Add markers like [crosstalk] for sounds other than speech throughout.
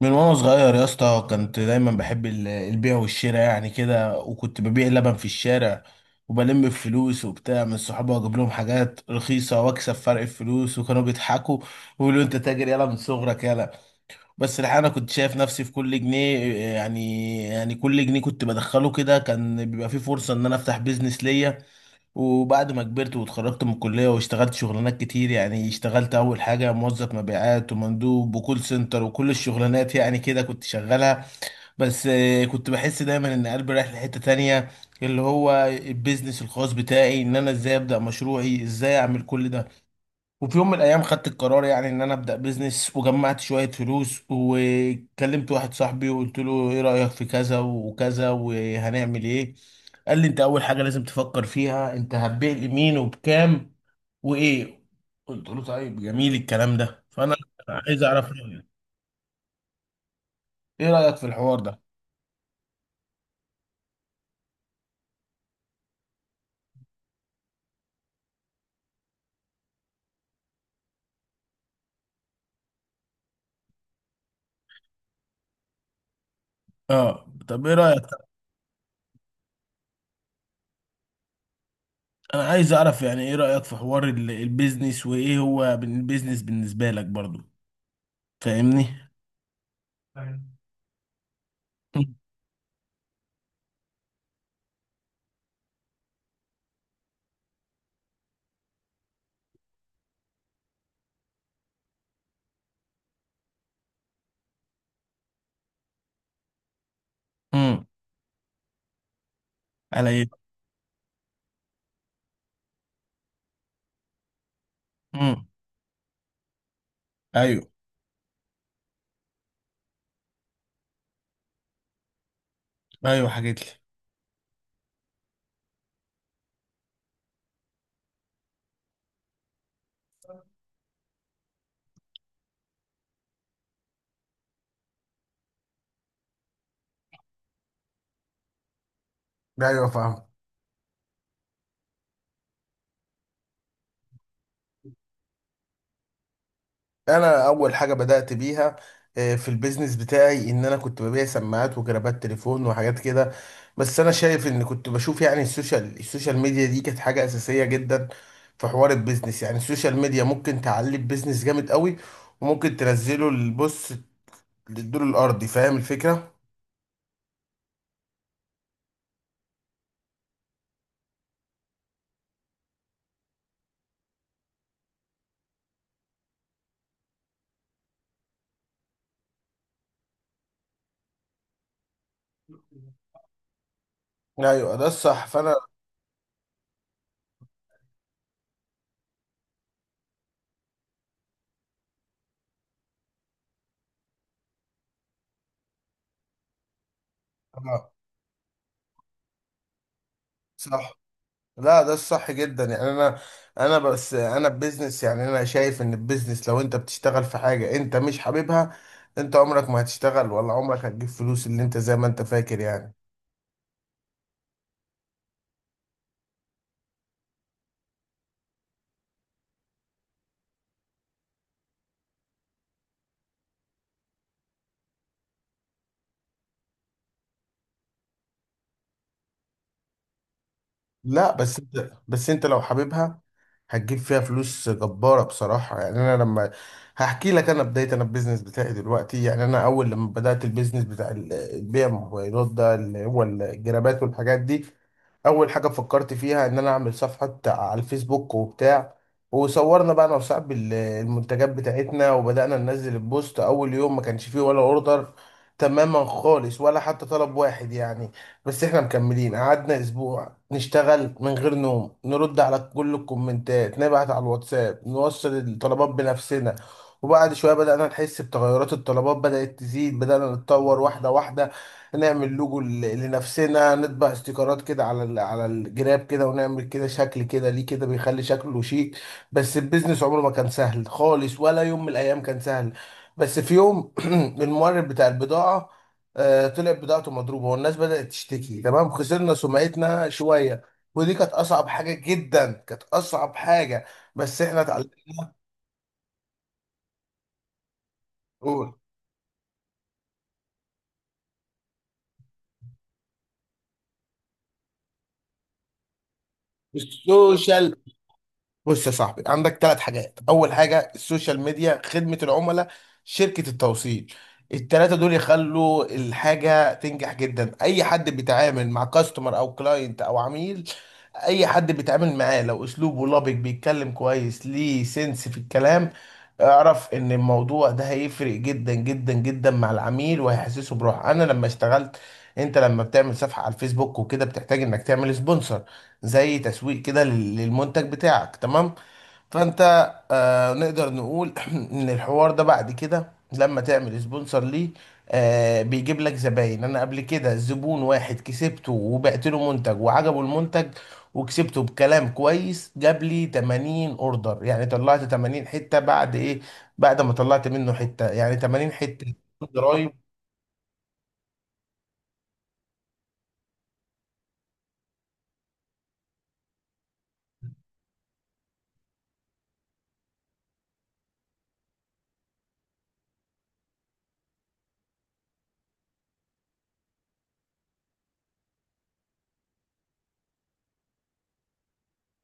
من وانا صغير يا اسطى كنت دايما بحب البيع والشراء يعني كده، وكنت ببيع لبن في الشارع وبلم الفلوس وبتاع من صحابي واجيب لهم حاجات رخيصه واكسب فرق الفلوس، وكانوا بيضحكوا ويقولوا انت تاجر يالا من صغرك يالا. بس الحقيقه انا كنت شايف نفسي في كل جنيه، يعني كل جنيه كنت بدخله كده كان بيبقى فيه فرصه ان انا افتح بيزنس ليا. وبعد ما كبرت واتخرجت من الكلية واشتغلت شغلانات كتير، يعني اشتغلت أول حاجة موظف مبيعات ومندوب وكول سنتر وكل الشغلانات يعني كده كنت شغالها. بس كنت بحس دايما إن قلبي رايح لحتة تانية، اللي هو البيزنس الخاص بتاعي، إن أنا إزاي أبدأ مشروعي، إزاي أعمل كل ده. وفي يوم من الايام خدت القرار يعني ان انا ابدا بيزنس، وجمعت شويه فلوس وكلمت واحد صاحبي وقلت له ايه رايك في كذا وكذا وهنعمل ايه. قال لي انت اول حاجه لازم تفكر فيها انت هتبيع لمين وبكام وايه. قلت له طيب، جميل الكلام ده، فانا عايز اعرف رايك. ايه رايك في الحوار ده؟ اه. طب ايه رايك؟ انا عايز اعرف يعني ايه رايك في حوار البيزنس، وايه هو البيزنس بالنسبه لك برضو؟ فاهمني؟ امم. على. امم. ايوه. ايوه حكيت لي. ايوه فاهم. انا اول حاجه بدات بيها في البيزنس بتاعي، ان انا كنت ببيع سماعات وجرابات تليفون وحاجات كده. بس انا شايف ان كنت بشوف يعني السوشيال ميديا دي كانت حاجه اساسيه جدا في حوار البيزنس. يعني السوشيال ميديا ممكن تعلي البيزنس جامد قوي، وممكن تنزله البص للدور الارضي. فاهم الفكره؟ ايوه ده الصح، فانا آه، صح. لا ده الصح جدا يعني. انا انا بس انا بزنس يعني انا شايف ان البيزنس لو انت بتشتغل في حاجة انت مش حاببها، انت عمرك ما هتشتغل، ولا عمرك هتجيب فلوس اللي انت زي ما انت فاكر يعني. لا بس انت، بس انت لو حاببها هتجيب فيها فلوس جبارة بصراحة. يعني انا لما، هحكي لك انا بداية، انا البيزنس بتاعي دلوقتي، يعني انا اول لما بدأت البيزنس بتاع البيع موبايلات ده، اللي هو الجرابات والحاجات دي، اول حاجة فكرت فيها ان انا اعمل صفحة على الفيسبوك وبتاع. وصورنا بقى انا وصاحبي المنتجات بتاعتنا، وبدأنا ننزل البوست. اول يوم ما كانش فيه ولا اوردر تماما خالص، ولا حتى طلب واحد يعني. بس احنا مكملين، قعدنا اسبوع نشتغل من غير نوم، نرد على كل الكومنتات، نبعت على الواتساب، نوصل الطلبات بنفسنا. وبعد شوية بدأنا نحس بتغيرات، الطلبات بدأت تزيد، بدأنا نتطور واحدة واحدة، نعمل لوجو لنفسنا، نطبع استيكرات كده على على الجراب كده، ونعمل كده شكل كده ليه كده بيخلي شكله شيك. بس البيزنس عمره ما كان سهل خالص، ولا يوم من الأيام كان سهل. بس في يوم [clears throat] المورد بتاع البضاعة طلعت بضاعته مضروبه والناس بدات تشتكي، تمام، خسرنا سمعتنا شويه، ودي كانت اصعب حاجه جدا، كانت اصعب حاجه. بس احنا اتعلمنا. نقول السوشيال. بص يا صاحبي، عندك 3 حاجات: اول حاجه السوشيال ميديا، خدمه العملاء، شركه التوصيل. الـ3 دول يخلوا الحاجه تنجح جدا. اي حد بيتعامل مع كاستمر او كلاينت او عميل، اي حد بيتعامل معاه، لو اسلوبه لبق بيتكلم كويس ليه سنس في الكلام، اعرف ان الموضوع ده هيفرق جدا جدا جدا مع العميل وهيحسسه بروح. انا لما اشتغلت، انت لما بتعمل صفحه على الفيسبوك وكده بتحتاج انك تعمل سبونسر، زي تسويق كده للمنتج بتاعك، تمام؟ فانت آه نقدر نقول [clears throat] ان الحوار ده بعد كده لما تعمل سبونسر ليه آه بيجيب لك زباين. انا قبل كده زبون واحد كسبته وبعت له منتج وعجبه المنتج، وكسبته بكلام كويس، جاب لي 80 اوردر، يعني طلعت 80 حتة بعد ايه، بعد ما طلعت منه حتة يعني 80 حتة.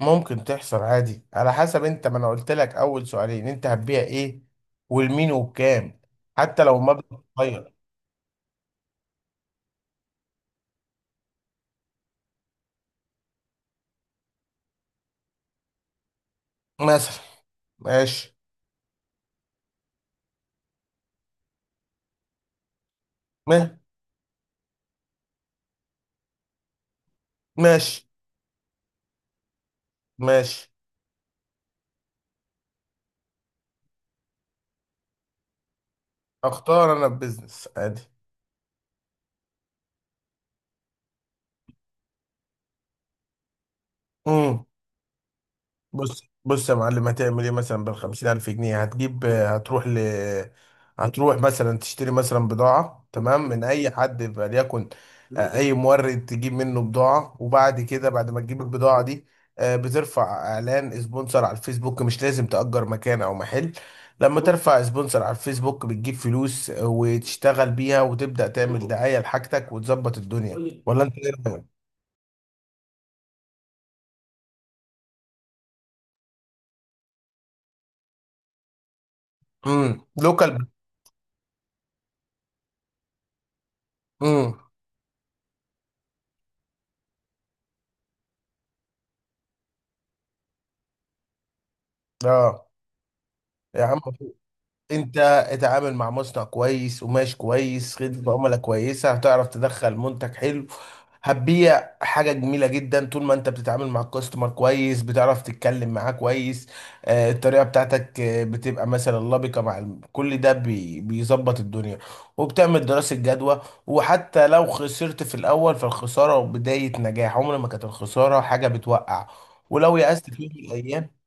ممكن تحصل عادي، على حسب. انت ما انا قلت لك اول سؤالين، انت هتبيع ايه والمين وبكام، حتى لو مبلغ صغير. مثلا. ماشي. ما- ماشي. ماشي. اختار انا البيزنس عادي. بص بص يا معلم، هتعمل ايه مثلا بال50 ألف جنيه؟ هتجيب، هتروح ل، هتروح مثلا تشتري مثلا بضاعة، تمام، من أي حد، فليكن أي مورد تجيب منه بضاعة. وبعد كده بعد ما تجيب البضاعة دي بترفع إعلان سبونسر على الفيسبوك، مش لازم تأجر مكان أو محل. لما ترفع سبونسر على الفيسبوك بتجيب فلوس وتشتغل بيها وتبدأ تعمل دعاية لحاجتك وتظبط الدنيا. ولا أنت إيه رأيك؟ امم. لوكال. امم. اه. يا عم انت، اتعامل مع مصنع كويس، قماش كويس، خدمة عملاء كويسة، هتعرف تدخل منتج حلو، هتبيع حاجة جميلة جدا. طول ما انت بتتعامل مع الكاستمر كويس، بتعرف تتكلم معاه كويس، الطريقة بتاعتك بتبقى مثلا لبقة مع كل ده بيظبط الدنيا. وبتعمل دراسة جدوى، وحتى لو خسرت في الأول فالخسارة بداية نجاح، عمر ما كانت الخسارة حاجة بتوقع، ولو يأست في يوم من الأيام.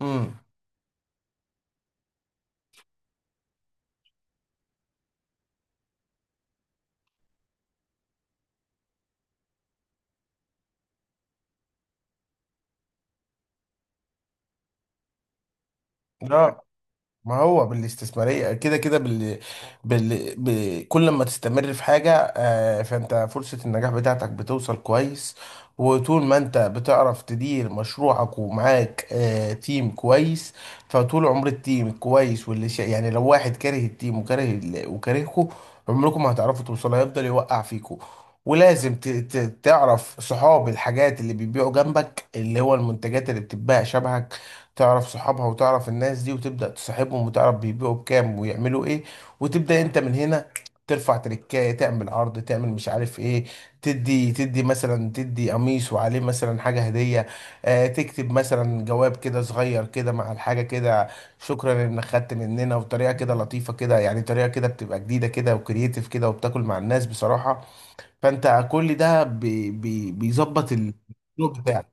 امم. ما هو بالاستثمارية كده كده، كل ما تستمر في حاجة فانت فرصة النجاح بتاعتك بتوصل كويس. وطول ما انت بتعرف تدير مشروعك ومعاك تيم كويس، فطول عمر التيم كويس يعني لو واحد كاره التيم وكاره وكارهكوا، عمركم ما هتعرفوا توصلوا، هيفضل يوقع فيكوا. ولازم تعرف صحاب الحاجات اللي بيبيعوا جنبك، اللي هو المنتجات اللي بتتباع شبهك، تعرف صحابها وتعرف الناس دي وتبدأ تصاحبهم، وتعرف بيبيعوا بكام ويعملوا ايه، وتبدأ انت من هنا. ترفع تركاية، تعمل عرض، تعمل مش عارف ايه، تدي مثلا، تدي قميص وعليه مثلا حاجة هدية، آه تكتب مثلا جواب كده صغير كده مع الحاجة كده، شكرا انك خدت مننا، وطريقة كده لطيفة كده، يعني طريقة كده بتبقى جديدة كده وكرييتيف كده، وبتاكل مع الناس بصراحة. فانت كل ده بي بيظبط الاسلوب بتاعك.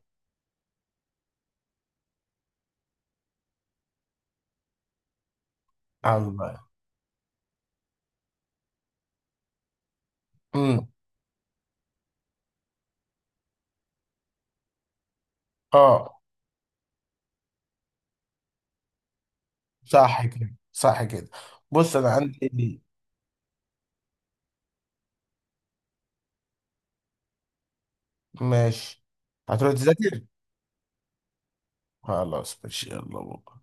أيوة. امم. اه. صح كده، صح كده. بص انا عندي. ماشي. هتروح تذاكر. خلاص ماشي، يلا بقى.